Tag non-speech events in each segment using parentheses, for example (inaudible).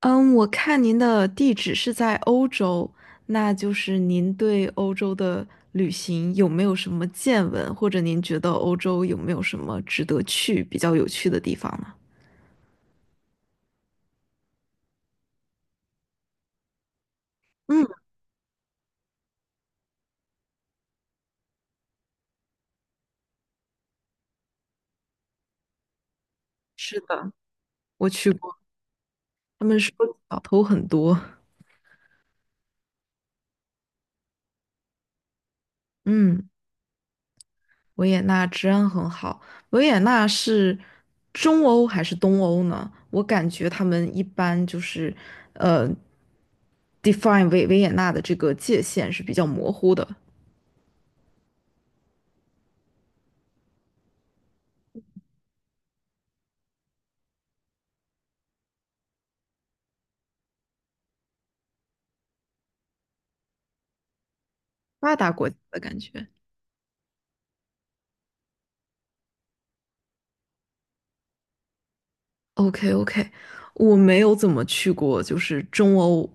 嗯，我看您的地址是在欧洲，那就是您对欧洲的旅行有没有什么见闻，或者您觉得欧洲有没有什么值得去、比较有趣的地方呢？嗯，是的，我去过，他们说小偷很多。嗯，维也纳治安很好。维也纳是中欧还是东欧呢？我感觉他们一般就是呃，define 维也纳的这个界限是比较模糊的。发达国家的感觉。OK OK，我没有怎么去过，就是中欧、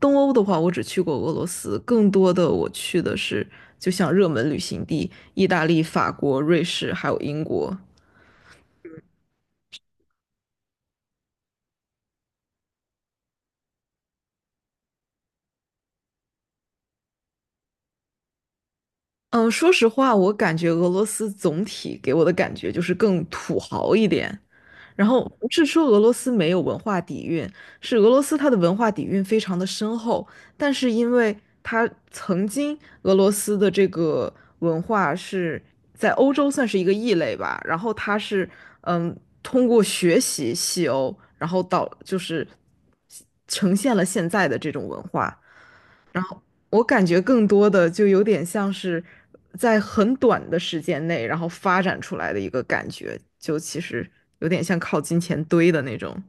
东欧的话，我只去过俄罗斯，更多的我去的是就像热门旅行地，意大利、法国、瑞士还有英国。嗯，说实话，我感觉俄罗斯总体给我的感觉就是更土豪一点，然后不是说俄罗斯没有文化底蕴，是俄罗斯它的文化底蕴非常的深厚，但是因为它曾经俄罗斯的这个文化是在欧洲算是一个异类吧，然后它是嗯通过学习西欧，然后到，就是呈现了现在的这种文化，然后我感觉更多的就有点像是在很短的时间内，然后发展出来的一个感觉，就其实有点像靠金钱堆的那种。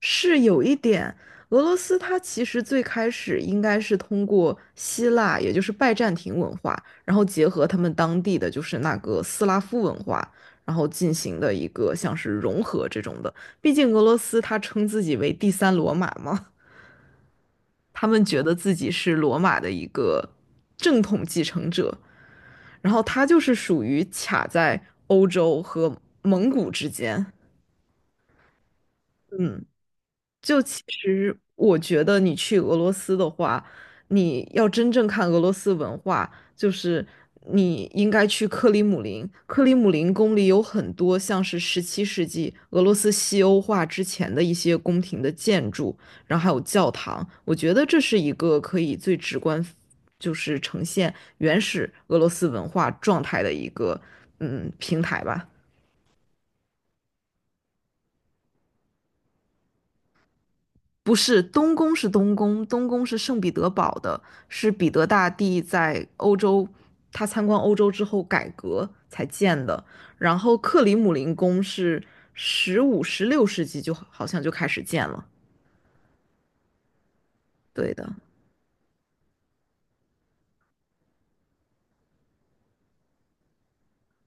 是有一点，俄罗斯它其实最开始应该是通过希腊，也就是拜占庭文化，然后结合他们当地的就是那个斯拉夫文化，然后进行的一个像是融合这种的。毕竟俄罗斯它称自己为第三罗马嘛。他们觉得自己是罗马的一个正统继承者，然后他就是属于卡在欧洲和蒙古之间，嗯。就其实我觉得你去俄罗斯的话，你要真正看俄罗斯文化，就是你应该去克里姆林。克里姆林宫里有很多像是17世纪俄罗斯西欧化之前的一些宫廷的建筑，然后还有教堂。我觉得这是一个可以最直观，就是呈现原始俄罗斯文化状态的一个平台吧。不是，东宫是东宫，东宫是圣彼得堡的，是彼得大帝在欧洲，他参观欧洲之后改革才建的。然后克里姆林宫是15、16世纪就好像就开始建了。对的，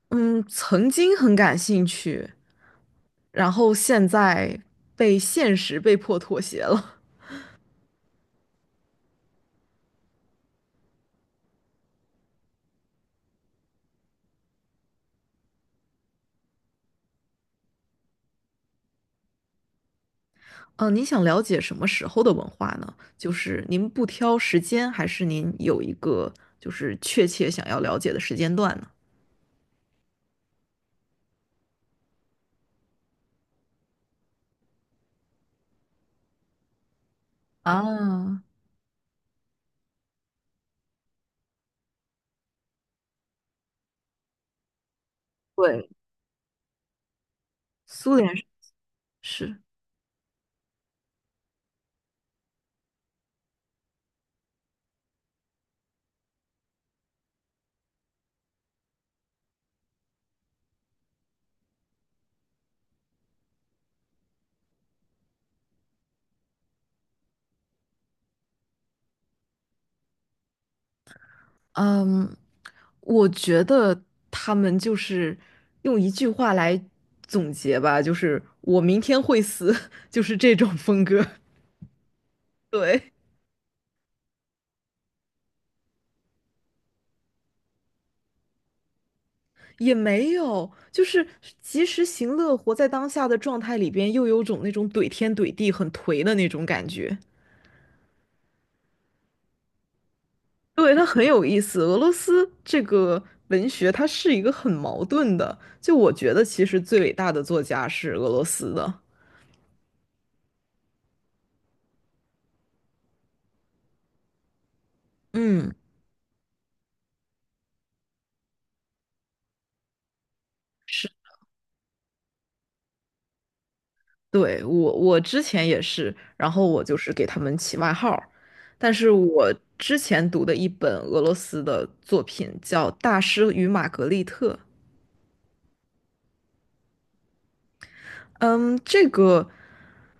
嗯，曾经很感兴趣，然后现在被现实被迫妥协了。嗯，您想了解什么时候的文化呢？就是您不挑时间，还是您有一个就是确切想要了解的时间段呢？啊，对，苏联是，是嗯，我觉得他们就是用一句话来总结吧，就是我明天会死，(laughs) 就是这种风格。对，也没有，就是及时行乐，活在当下的状态里边，又有种那种怼天怼地、很颓的那种感觉。对，它很有意思。俄罗斯这个文学，它是一个很矛盾的。就我觉得，其实最伟大的作家是俄罗斯的。嗯，是，对，我之前也是，然后我就是给他们起外号儿。但是我之前读的一本俄罗斯的作品叫《大师与玛格丽特》。嗯，这个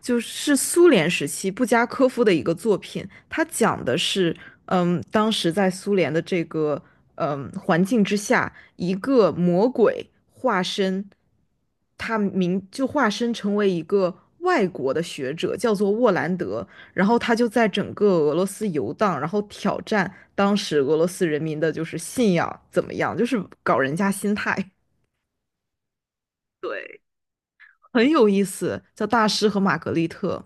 就是苏联时期布加科夫的一个作品，他讲的是，嗯，当时在苏联的这个环境之下，一个魔鬼化身，他名就化身成为一个外国的学者，叫做沃兰德，然后他就在整个俄罗斯游荡，然后挑战当时俄罗斯人民的就是信仰怎么样，就是搞人家心态，(laughs) 很有意思，叫《大师和玛格丽特》。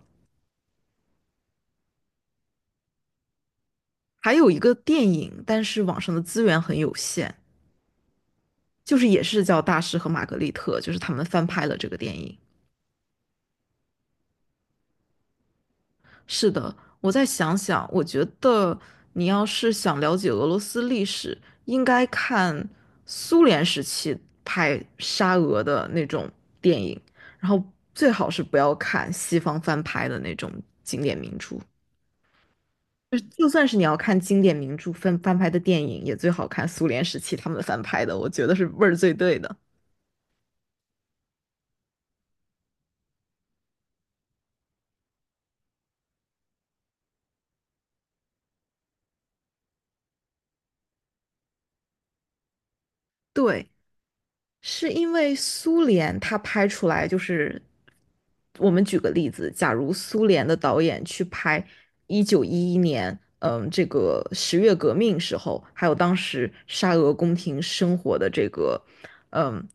还有一个电影，但是网上的资源很有限，就是也是叫《大师和玛格丽特》，就是他们翻拍了这个电影。是的，我再想想，我觉得你要是想了解俄罗斯历史，应该看苏联时期拍沙俄的那种电影，然后最好是不要看西方翻拍的那种经典名著。就是就算是你要看经典名著翻拍的电影，也最好看苏联时期他们翻拍的，我觉得是味儿最对的。对，是因为苏联它拍出来就是，我们举个例子，假如苏联的导演去拍1911年，嗯，这个十月革命时候，还有当时沙俄宫廷生活的这个，嗯，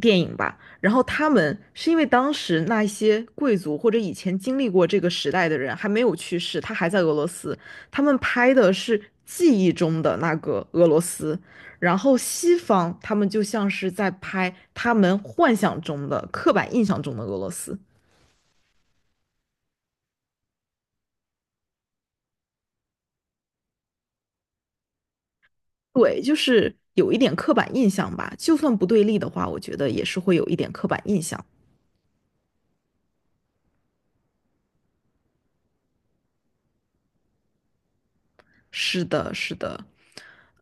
电影吧，然后他们是因为当时那一些贵族或者以前经历过这个时代的人还没有去世，他还在俄罗斯，他们拍的是记忆中的那个俄罗斯。然后西方他们就像是在拍他们幻想中的、刻板印象中的俄罗斯。对，就是有一点刻板印象吧。就算不对立的话，我觉得也是会有一点刻板印象。是的，是的。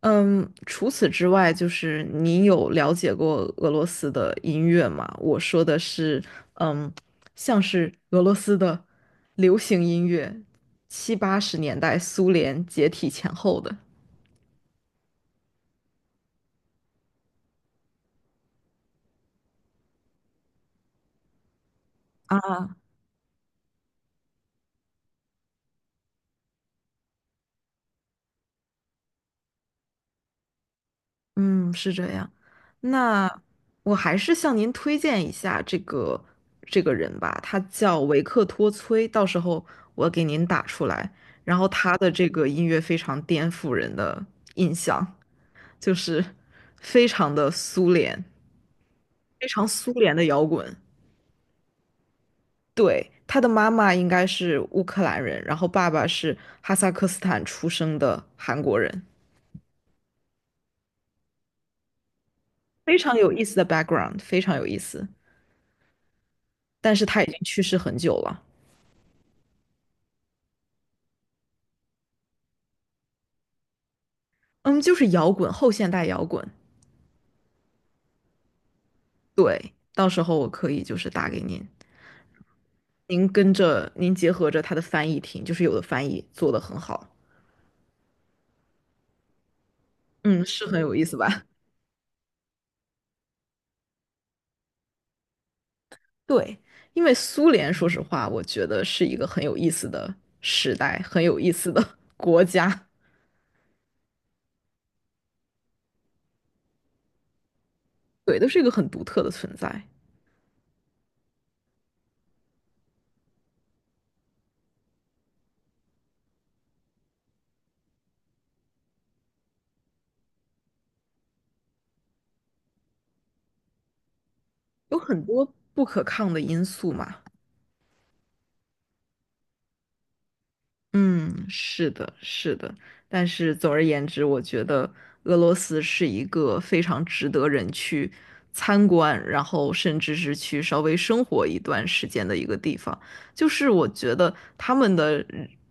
嗯，除此之外，就是你有了解过俄罗斯的音乐吗？我说的是，嗯，像是俄罗斯的流行音乐，七八十年代苏联解体前后的。啊，嗯，是这样。那我还是向您推荐一下这个这个人吧，他叫维克托崔，到时候我给您打出来。然后他的这个音乐非常颠覆人的印象，就是非常的苏联，非常苏联的摇滚。对，他的妈妈应该是乌克兰人，然后爸爸是哈萨克斯坦出生的韩国人，非常有意思的 background，非常有意思。但是他已经去世很久了。嗯，就是摇滚，后现代摇滚。对，到时候我可以就是打给您，您跟着您结合着它的翻译听，就是有的翻译做得很好，嗯，是很有意思吧？(laughs) 对，因为苏联，说实话，我觉得是一个很有意思的时代，很有意思的 (laughs) 国家，对，都是一个很独特的存在，有很多不可抗的因素嘛。嗯，是的，是的，但是总而言之，我觉得俄罗斯是一个非常值得人去参观，然后甚至是去稍微生活一段时间的一个地方。就是我觉得他们的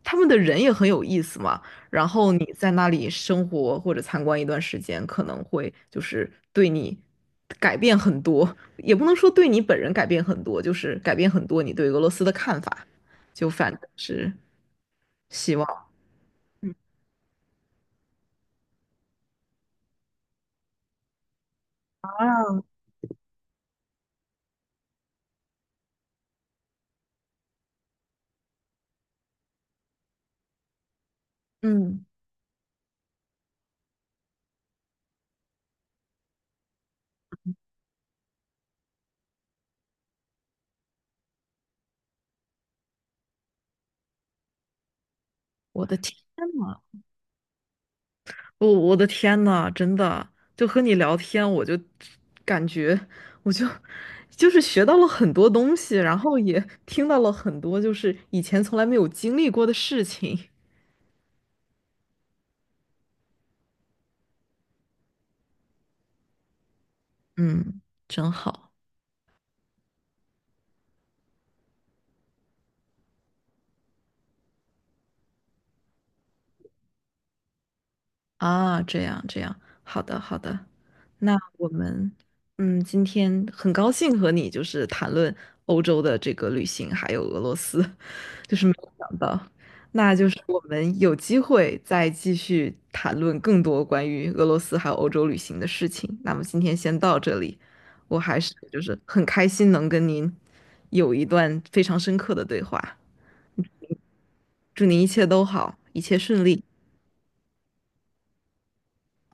他们的人也很有意思嘛，然后你在那里生活或者参观一段时间，可能会就是对你改变很多，也不能说对你本人改变很多，就是改变很多你对俄罗斯的看法。就反正是。嗯，我的天呐，我的天呐，真的，就和你聊天，我就感觉，我就就是学到了很多东西，然后也听到了很多就是以前从来没有经历过的事情。嗯，真好。啊！这样这样，好的好的，那我们嗯，今天很高兴和你就是谈论欧洲的这个旅行，还有俄罗斯。就是没有想到，那就是我们有机会再继续谈论更多关于俄罗斯还有欧洲旅行的事情。那么今天先到这里，我还是就是很开心能跟您有一段非常深刻的对话。嗯祝您一切都好，一切顺利。